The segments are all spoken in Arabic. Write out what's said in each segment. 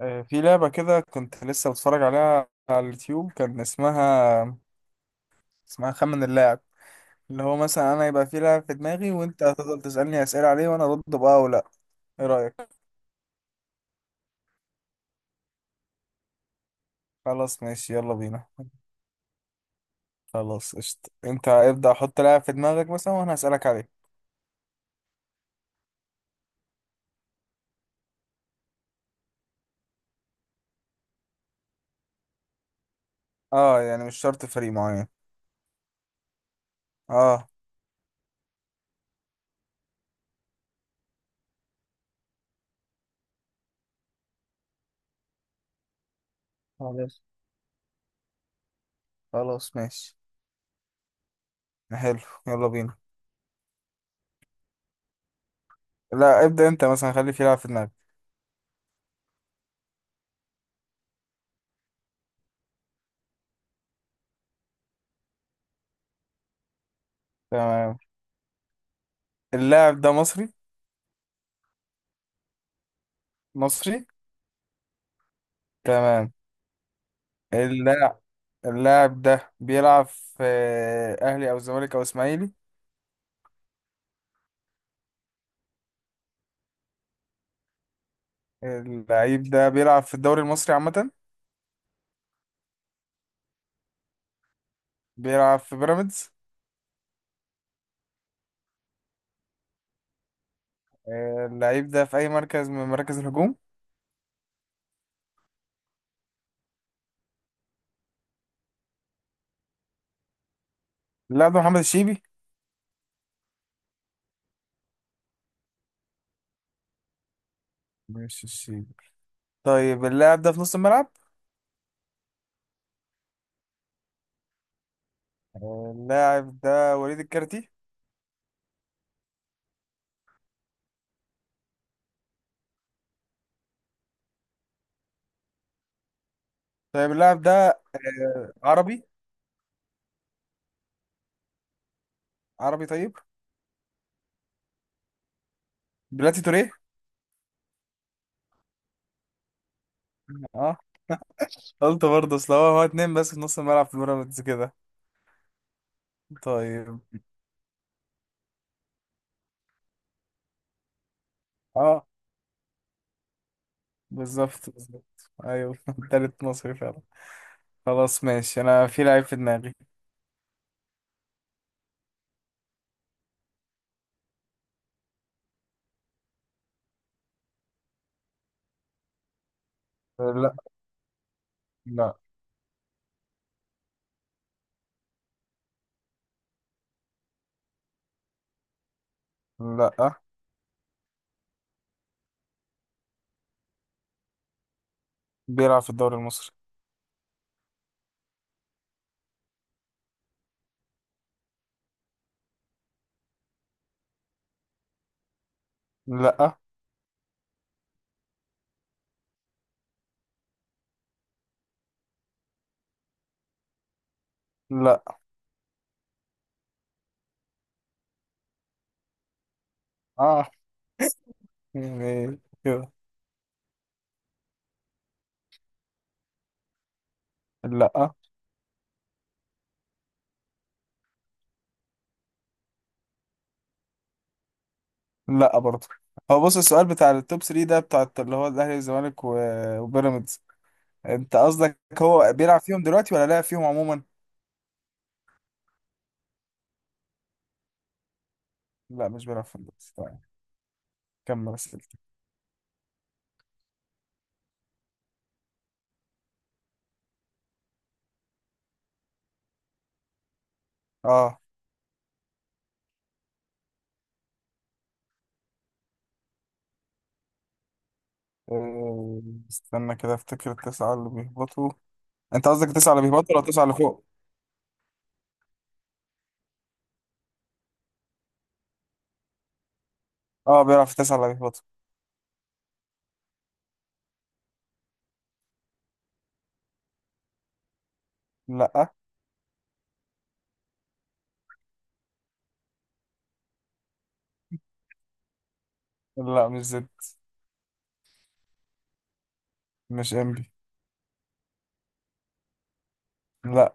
آه، في لعبة كده كنت لسه بتفرج عليها على اليوتيوب. كان اسمها خمن اللاعب. اللي هو مثلا انا يبقى في لاعب في دماغي، وانت هتفضل تسألني أسئلة عليه وانا ارد بقى او لا. ايه رأيك؟ خلاص، ماشي، يلا بينا. خلاص، قشطة، انت ابدأ، حط لاعب في دماغك مثلا وانا هسألك عليه. اه، يعني مش شرط فريق معين. اه، خلاص خلاص، ماشي، حلو، يلا بينا. لا، ابدأ انت مثلا، خلي في لاعب في دماغك. تمام. اللاعب ده مصري؟ مصري، تمام. اللاعب اللاعب ده بيلعب في أهلي أو الزمالك أو إسماعيلي؟ اللعيب ده بيلعب في الدوري المصري عامة؟ بيلعب في بيراميدز؟ اللعيب ده في أي مركز من مراكز الهجوم؟ اللاعب ده محمد الشيبي؟ مش الشيبي، طيب. اللاعب ده في نص الملعب؟ اللاعب ده وليد الكارتي؟ طيب، اللاعب ده عربي؟ عربي، طيب. بلاتي توريه. اه، قلت برضه، اصل هو اتنين بس في نص الملعب في بيراميدز كده. طيب. اه، بالظبط بالظبط، ايوه. تالت مصري فعلا. خلاص، ماشي، انا في لعيب في دماغي. لا. لا. لا بيلعب في الدوري المصري. لا. لا. اه، يعني كده. لا. لا برضه. هو بص، السؤال بتاع التوب 3 ده بتاع اللي هو الاهلي والزمالك وبيراميدز. انت قصدك هو بيلعب فيهم دلوقتي ولا لعب فيهم عموما؟ لا، مش بيلعب فيهم دلوقتي، طيب. كمل اسئلتك. اه. آه، استنى كده افتكر التسعة اللي بيهبطوا. انت قصدك التسعة اللي بيهبطوا ولا التسعة اللي فوق؟ اه، بيلعب في التسعة اللي بيهبطوا. لا. لا، مش زد. مش انبي. لا.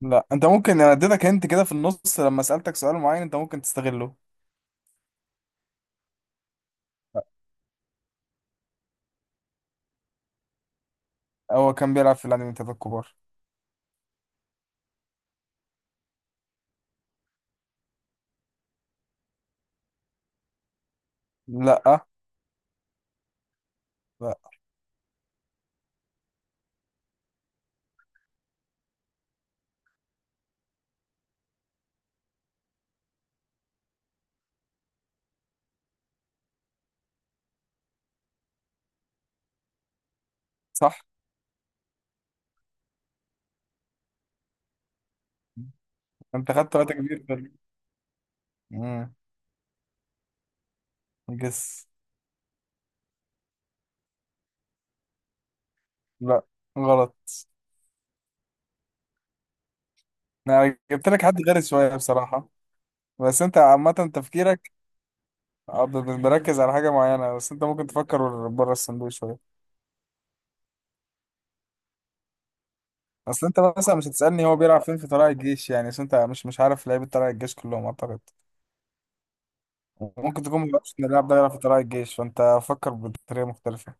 لا، انت ممكن انا اديتك انت كده في النص لما سألتك سؤال معين، انت ممكن تستغله. هو كان بيلعب في العالمين الثلاثة الكبار. لا. لا. صح. انت خدت وقت كبير في. امم جس. لا، غلط. انا جبت لك حد غير شوية بصراحة، بس انت عامة تفكيرك. بركز على حاجة معينة، بس انت ممكن تفكر بره الصندوق شوية. اصل انت مثلا مش هتسألني هو بيلعب فين في طلائع الجيش، يعني اصل انت مش عارف لعيبة طلائع الجيش كلهم اعتقد. ممكن تكون ما يعرفش ان اللاعب ده يلعب في طلائع الجيش، فانت فكر بطريقه مختلفه.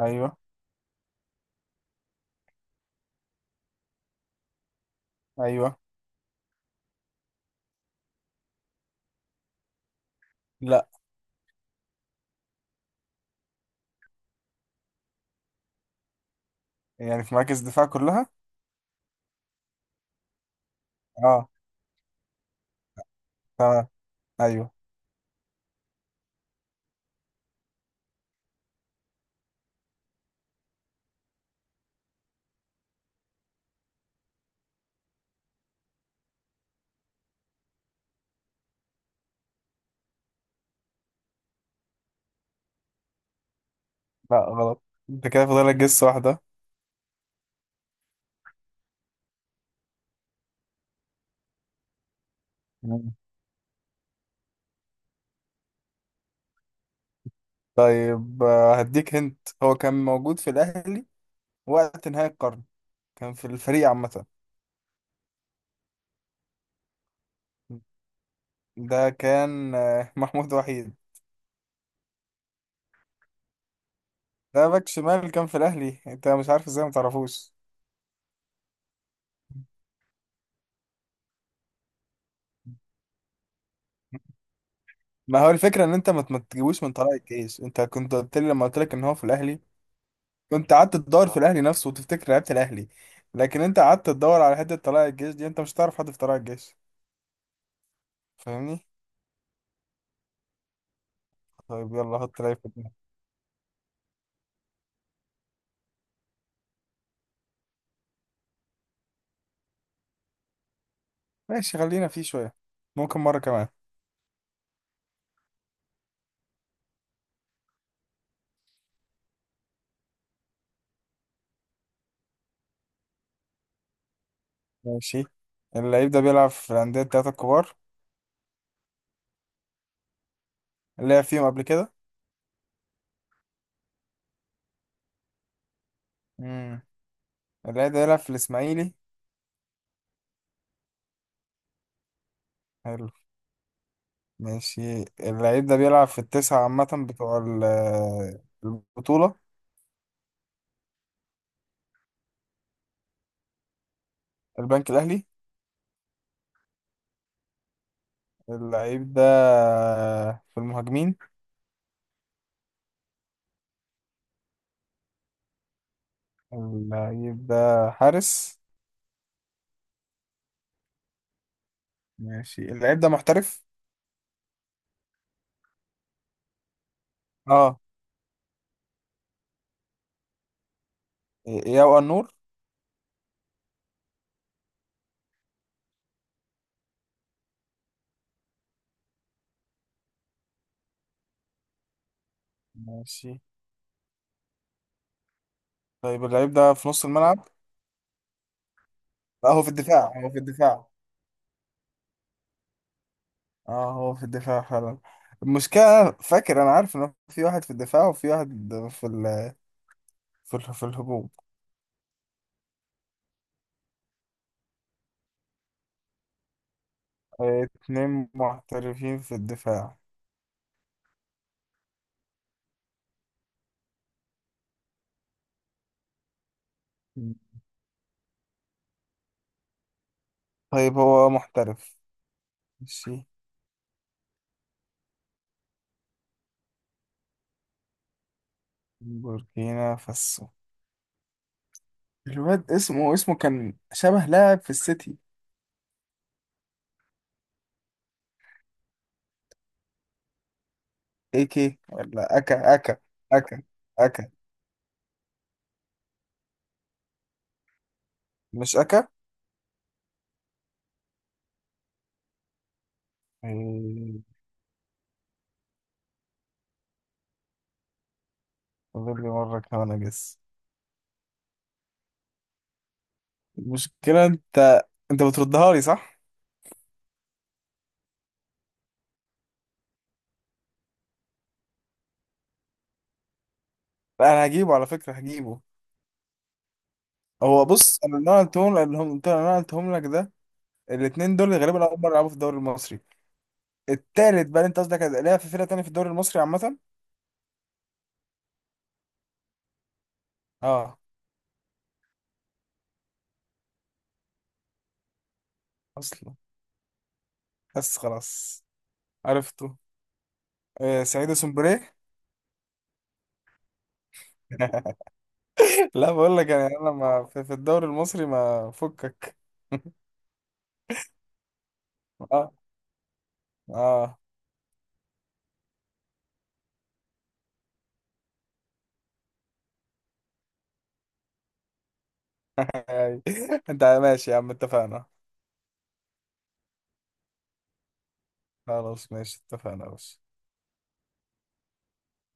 ايوه. ايوه. لا. يعني في مراكز الدفاع كلها. اه، تمام. ايوه. لا، غلط. انت كده فاضل لك جس واحده. مم. طيب، هديك هنت. هو كان موجود في الاهلي وقت نهايه القرن، كان في الفريق عامه. ده كان محمود وحيد. ده باك شمال كان في الاهلي، انت مش عارف ازاي ما تعرفوش؟ ما هو الفكره ان انت ما تجيبوش من طلائع الجيش. انت كنت قلت لي لما قلت لك ان هو في الاهلي، كنت قعدت تدور في الاهلي نفسه وتفتكر لعيبه الاهلي، لكن انت قعدت تدور على حته طلائع الجيش دي، انت مش هتعرف حد في طلائع الجيش، فاهمني. طيب، يلا حط لعيب في دماغك. ماشي، خلينا فيه شويه، ممكن مره كمان. ماشي. اللعيب ده بيلعب في الانديه التلاته الكبار؟ لعب فيهم قبل كده؟ امم اللعيب ده بيلعب في الاسماعيلي؟ حلو، ماشي. اللعيب ده بيلعب في التسعه عامه بتوع البطوله؟ البنك الاهلي. اللعيب ده في المهاجمين؟ اللعيب ده حارس؟ ماشي، اللعيب ده محترف؟ اه. ياو النور. ماشي، طيب، اللعيب ده في نص الملعب؟ لا، هو في الدفاع، هو في الدفاع. اه، هو في الدفاع فعلا. المشكلة أنا فاكر، انا عارف ان في واحد في الدفاع وفي واحد في ال... في الهجوم. اتنين محترفين في الدفاع. طيب، هو محترف. ماشي، بوركينا فاسو. الواد اسمه كان شبه لاعب في السيتي. اي كي، ولا اكا. اكا. اكا. اكا مش اكا. فاضل لي مرة كمان أجس. المشكلة أنت بتردها لي صح؟ لا، أنا هجيبه، على فكرة هجيبه. هو بص، أنا اللي أنا قلتهم، اللي هم قلت، اللي أنا قلتهم لك ده. الاتنين دول غالبا أول مرة يلعبوا في الدوري المصري. التالت بقى اللي أنت قصدك هتلاقيها في فرقة تانية في الدوري المصري عامة؟ أه، أصلا. بس خلاص، عرفته. آه، سعيد سومبري. لا، بقول لك يعني أنا ما في الدوري المصري ما فكك. أه. أه. أي. أنت ماشي يا عم، اتفقنا. خلاص، ماشي، اتفقنا بس.